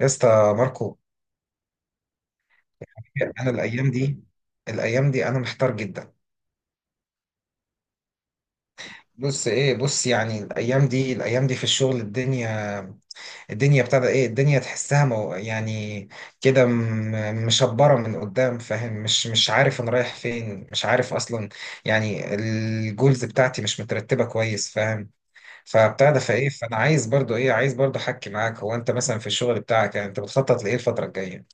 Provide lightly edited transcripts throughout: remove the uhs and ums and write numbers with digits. يا اسطى ماركو، انا الايام دي انا محتار جدا. بص يعني الايام دي في الشغل، الدنيا ابتدى ايه، الدنيا تحسها مو يعني كده مشبره من قدام، فاهم؟ مش عارف انا رايح فين، مش عارف اصلا. يعني الجولز بتاعتي مش مترتبه كويس، فاهم؟ فابتدى فايه فانا عايز برضو ايه، عايز برضو احكي معاك. هو انت مثلا في الشغل بتاعك يعني انت بتخطط لايه الفتره الجايه؟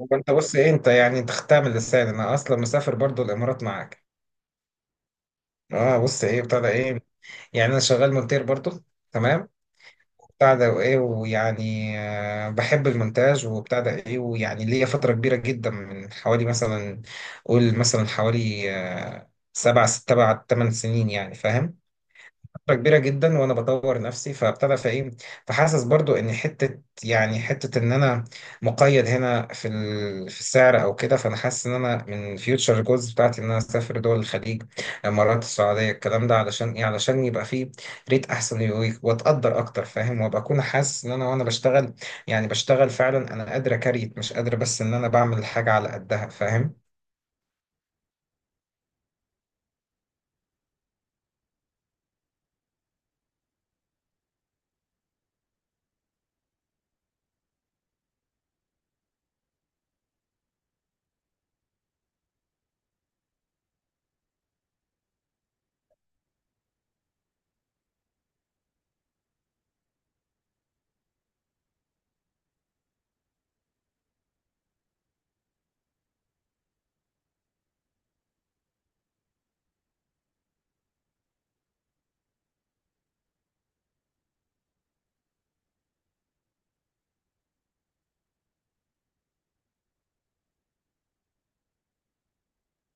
هو انت بص ايه انت يعني انت خدتها من لساني، انا اصلا مسافر برضو الامارات معاك. اه بص ايه بتاع ده ايه، يعني انا شغال مونتير برضو، تمام. بتاع ده وايه، ويعني آه، بحب المونتاج وبتاع ده ايه، ويعني ليا فتره كبيره جدا من حوالي مثلا، قول مثلا حوالي آه، سبع ست سبع 8 سنين، يعني فاهم؟ فترة كبيرة جدا وانا بدور نفسي. فابتدى فايه فحاسس برضو ان حتة، يعني حتة ان انا مقيد هنا في في السعر او كده. فانا حاسس ان انا من فيوتشر جولز بتاعتي ان انا اسافر دول الخليج، الامارات، السعودية، الكلام ده، علشان ايه؟ علشان يبقى فيه ريت احسن واتقدر اكتر، فاهم؟ وابقى اكون حاسس ان انا وانا بشتغل يعني، بشتغل فعلا انا قادر اكريت، مش قادر بس ان انا بعمل حاجة على قدها، فاهم؟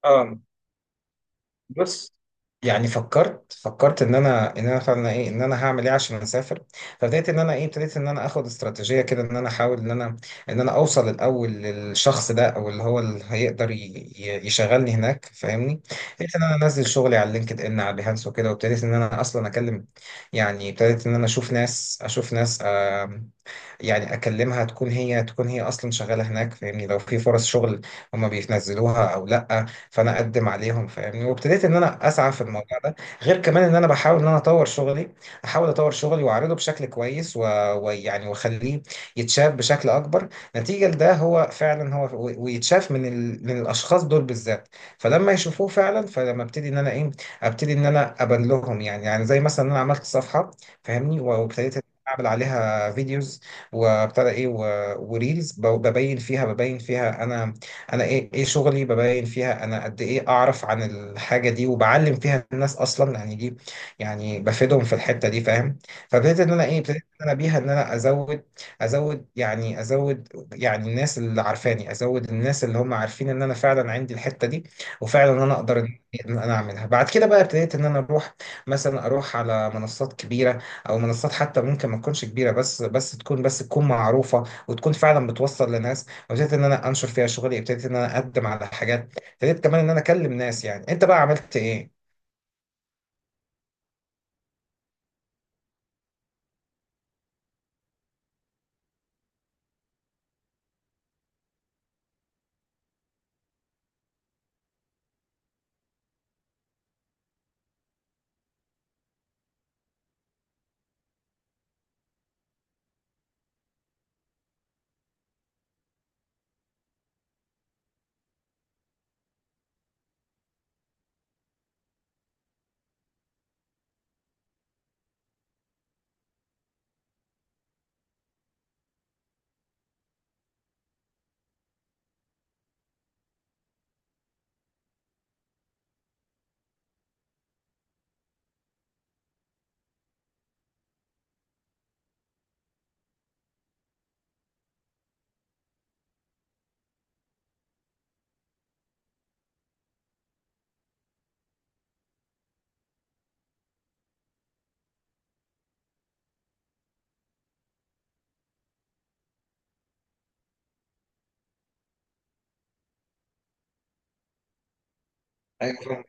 اه بص، يعني فكرت ان انا فعلا ايه، ان انا هعمل ايه عشان اسافر. فبدات ان انا ايه، ابتديت ان انا اخد استراتيجيه كده، ان انا احاول ان انا اوصل الاول للشخص ده، او اللي هو اللي هيقدر يشغلني هناك، فاهمني؟ ابتديت ان انا انزل شغلي على لينكد ان، على بيهانس وكده، وابتديت ان انا اصلا اكلم. يعني ابتديت ان انا اشوف ناس يعني اكلمها، تكون هي اصلا شغاله هناك، فاهمني؟ لو في فرص شغل هم بينزلوها او لا، فانا اقدم عليهم، فاهمني؟ وابتديت ان انا اسعى في الموضوع ده. غير كمان ان انا بحاول ان انا اطور شغلي، احاول اطور شغلي واعرضه بشكل كويس ويعني واخليه يتشاف بشكل اكبر نتيجه لده، هو فعلا هو ويتشاف من من الاشخاص دول بالذات. فلما يشوفوه فعلا، فلما ابتدي ان انا ايه، ابتدي ان انا ابان لهم، يعني يعني زي مثلا إن انا عملت صفحه، فاهمني؟ وابتديت اعمل عليها فيديوز، وابتدى ايه وريلز، ببين فيها انا، انا ايه، ايه شغلي، ببين فيها انا قد ايه اعرف عن الحاجه دي، وبعلم فيها الناس اصلا، يعني دي يعني بفيدهم في الحته دي، فاهم؟ فابتديت ان انا ايه، ابتديت ان انا بيها ان انا ازود يعني ازود يعني الناس اللي عارفاني، ازود الناس اللي هم عارفين ان انا فعلا عندي الحته دي، وفعلا ان انا اقدر ان إن انا اعملها. بعد كده بقى ابتديت ان انا اروح مثلا، اروح على منصات كبيره، او منصات حتى ممكن ما تكونش كبيره، بس تكون معروفه وتكون فعلا بتوصل لناس، وابتديت ان انا انشر فيها شغلي، ابتديت ان انا اقدم على حاجات، ابتديت كمان ان انا اكلم ناس. يعني انت بقى عملت ايه؟ أيوة.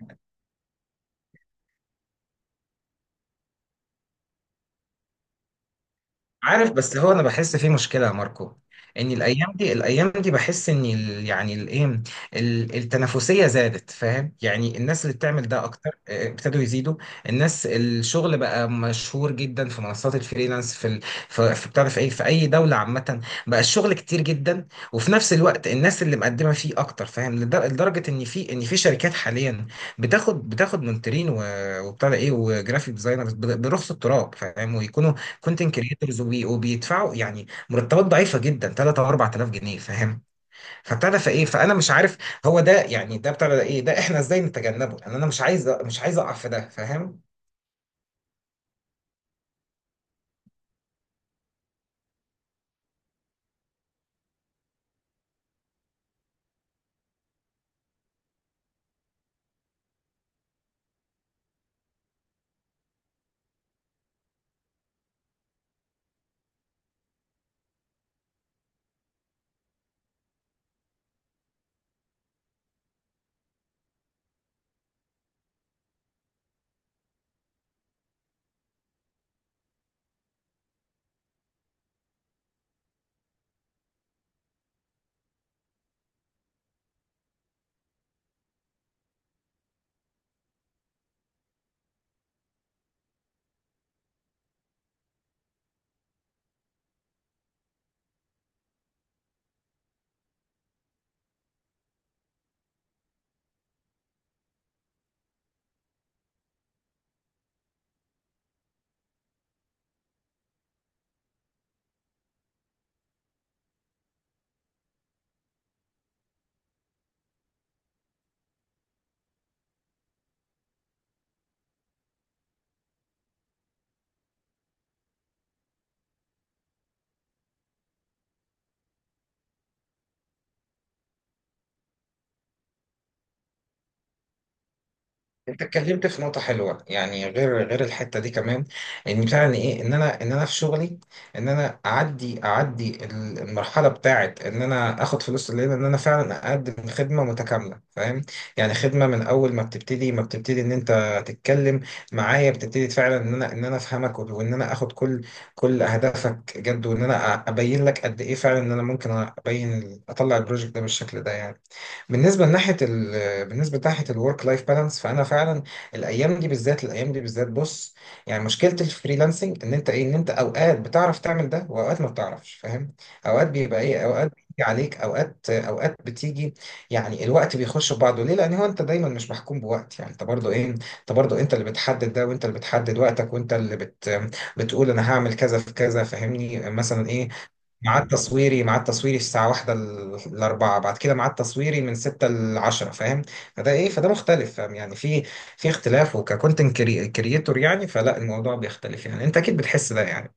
عارف، بس هو انا بحس في مشكله يا ماركو. ان الايام دي الايام دي بحس ان ال يعني الايه، التنافسيه زادت، فاهم؟ يعني الناس اللي بتعمل ده اكتر آه، ابتدوا يزيدوا. الناس الشغل بقى مشهور جدا في منصات الفريلانس، في في بتعرف ايه، في اي دوله عامه. بقى الشغل كتير جدا، وفي نفس الوقت الناس اللي مقدمه فيه اكتر، فاهم؟ لدرجه ان في، ان في شركات حاليا بتاخد مونترين وبتاع ده ايه، وجرافيك ديزاينرز برخص التراب، فاهم؟ ويكونوا كونتنت كريتورز، وبيدفعوا يعني مرتبات ضعيفه جدا، 3 او 4000 جنيه، فاهم؟ فابتدى فايه فانا مش عارف هو ده يعني، ده ابتدى ايه، ده احنا ازاي نتجنبه، لان انا مش عايز اقع في ده، فاهم؟ انت اتكلمت في نقطة حلوة يعني، غير الحتة دي كمان، ان فعلا ايه، ان انا في شغلي، ان انا اعدي المرحلة بتاعت ان انا اخد فلوس الليلة، ان انا فعلا اقدم خدمة متكاملة، فاهم؟ يعني خدمة من اول ما بتبتدي ان انت تتكلم معايا، بتبتدي فعلا ان انا افهمك، وان انا اخد كل اهدافك جد، وان انا ابين لك قد ايه فعلا ان انا ممكن ابين اطلع البروجكت ده بالشكل ده يعني. بالنسبه لناحيه بالنسبه لناحيه الورك لايف بالانس، فانا فعلا الايام دي بالذات بص، يعني مشكله الفريلانسنج ان انت ايه، ان انت اوقات بتعرف تعمل ده، واوقات ما بتعرفش، فاهم؟ اوقات بيبقى ايه، اوقات بيجي عليك، اوقات بتيجي يعني، الوقت بيخش في بعضه. ليه؟ لان هو انت دايما مش محكوم بوقت يعني، انت برضه ايه، انت برضه انت اللي بتحدد ده، وانت اللي بتحدد وقتك، وانت اللي بتقول انا هعمل كذا في كذا، فاهمني؟ مثلا ايه، ميعاد تصويري الساعة واحدة لأربعة، بعد كده ميعاد تصويري من ستة لعشرة، فاهم؟ فده مختلف، فاهم؟ يعني في اختلاف، وككونتنت كريتور يعني، فلا الموضوع بيختلف، يعني أنت أكيد بتحس ده يعني.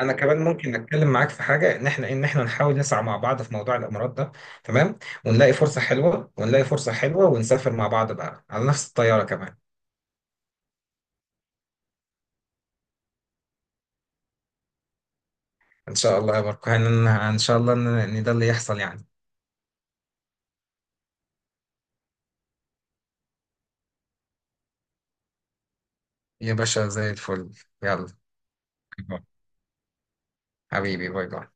أنا كمان ممكن أتكلم معاك في حاجة، إن إحنا نحاول نسعى مع بعض في موضوع الإمارات ده، تمام؟ ونلاقي فرصة حلوة ونسافر مع بعض بقى على نفس الطيارة كمان. إن شاء الله يا ماركو، إن شاء الله إن ده اللي يحصل يعني. يا باشا زي الفل. يلا، باي باي. حبيبي باي باي.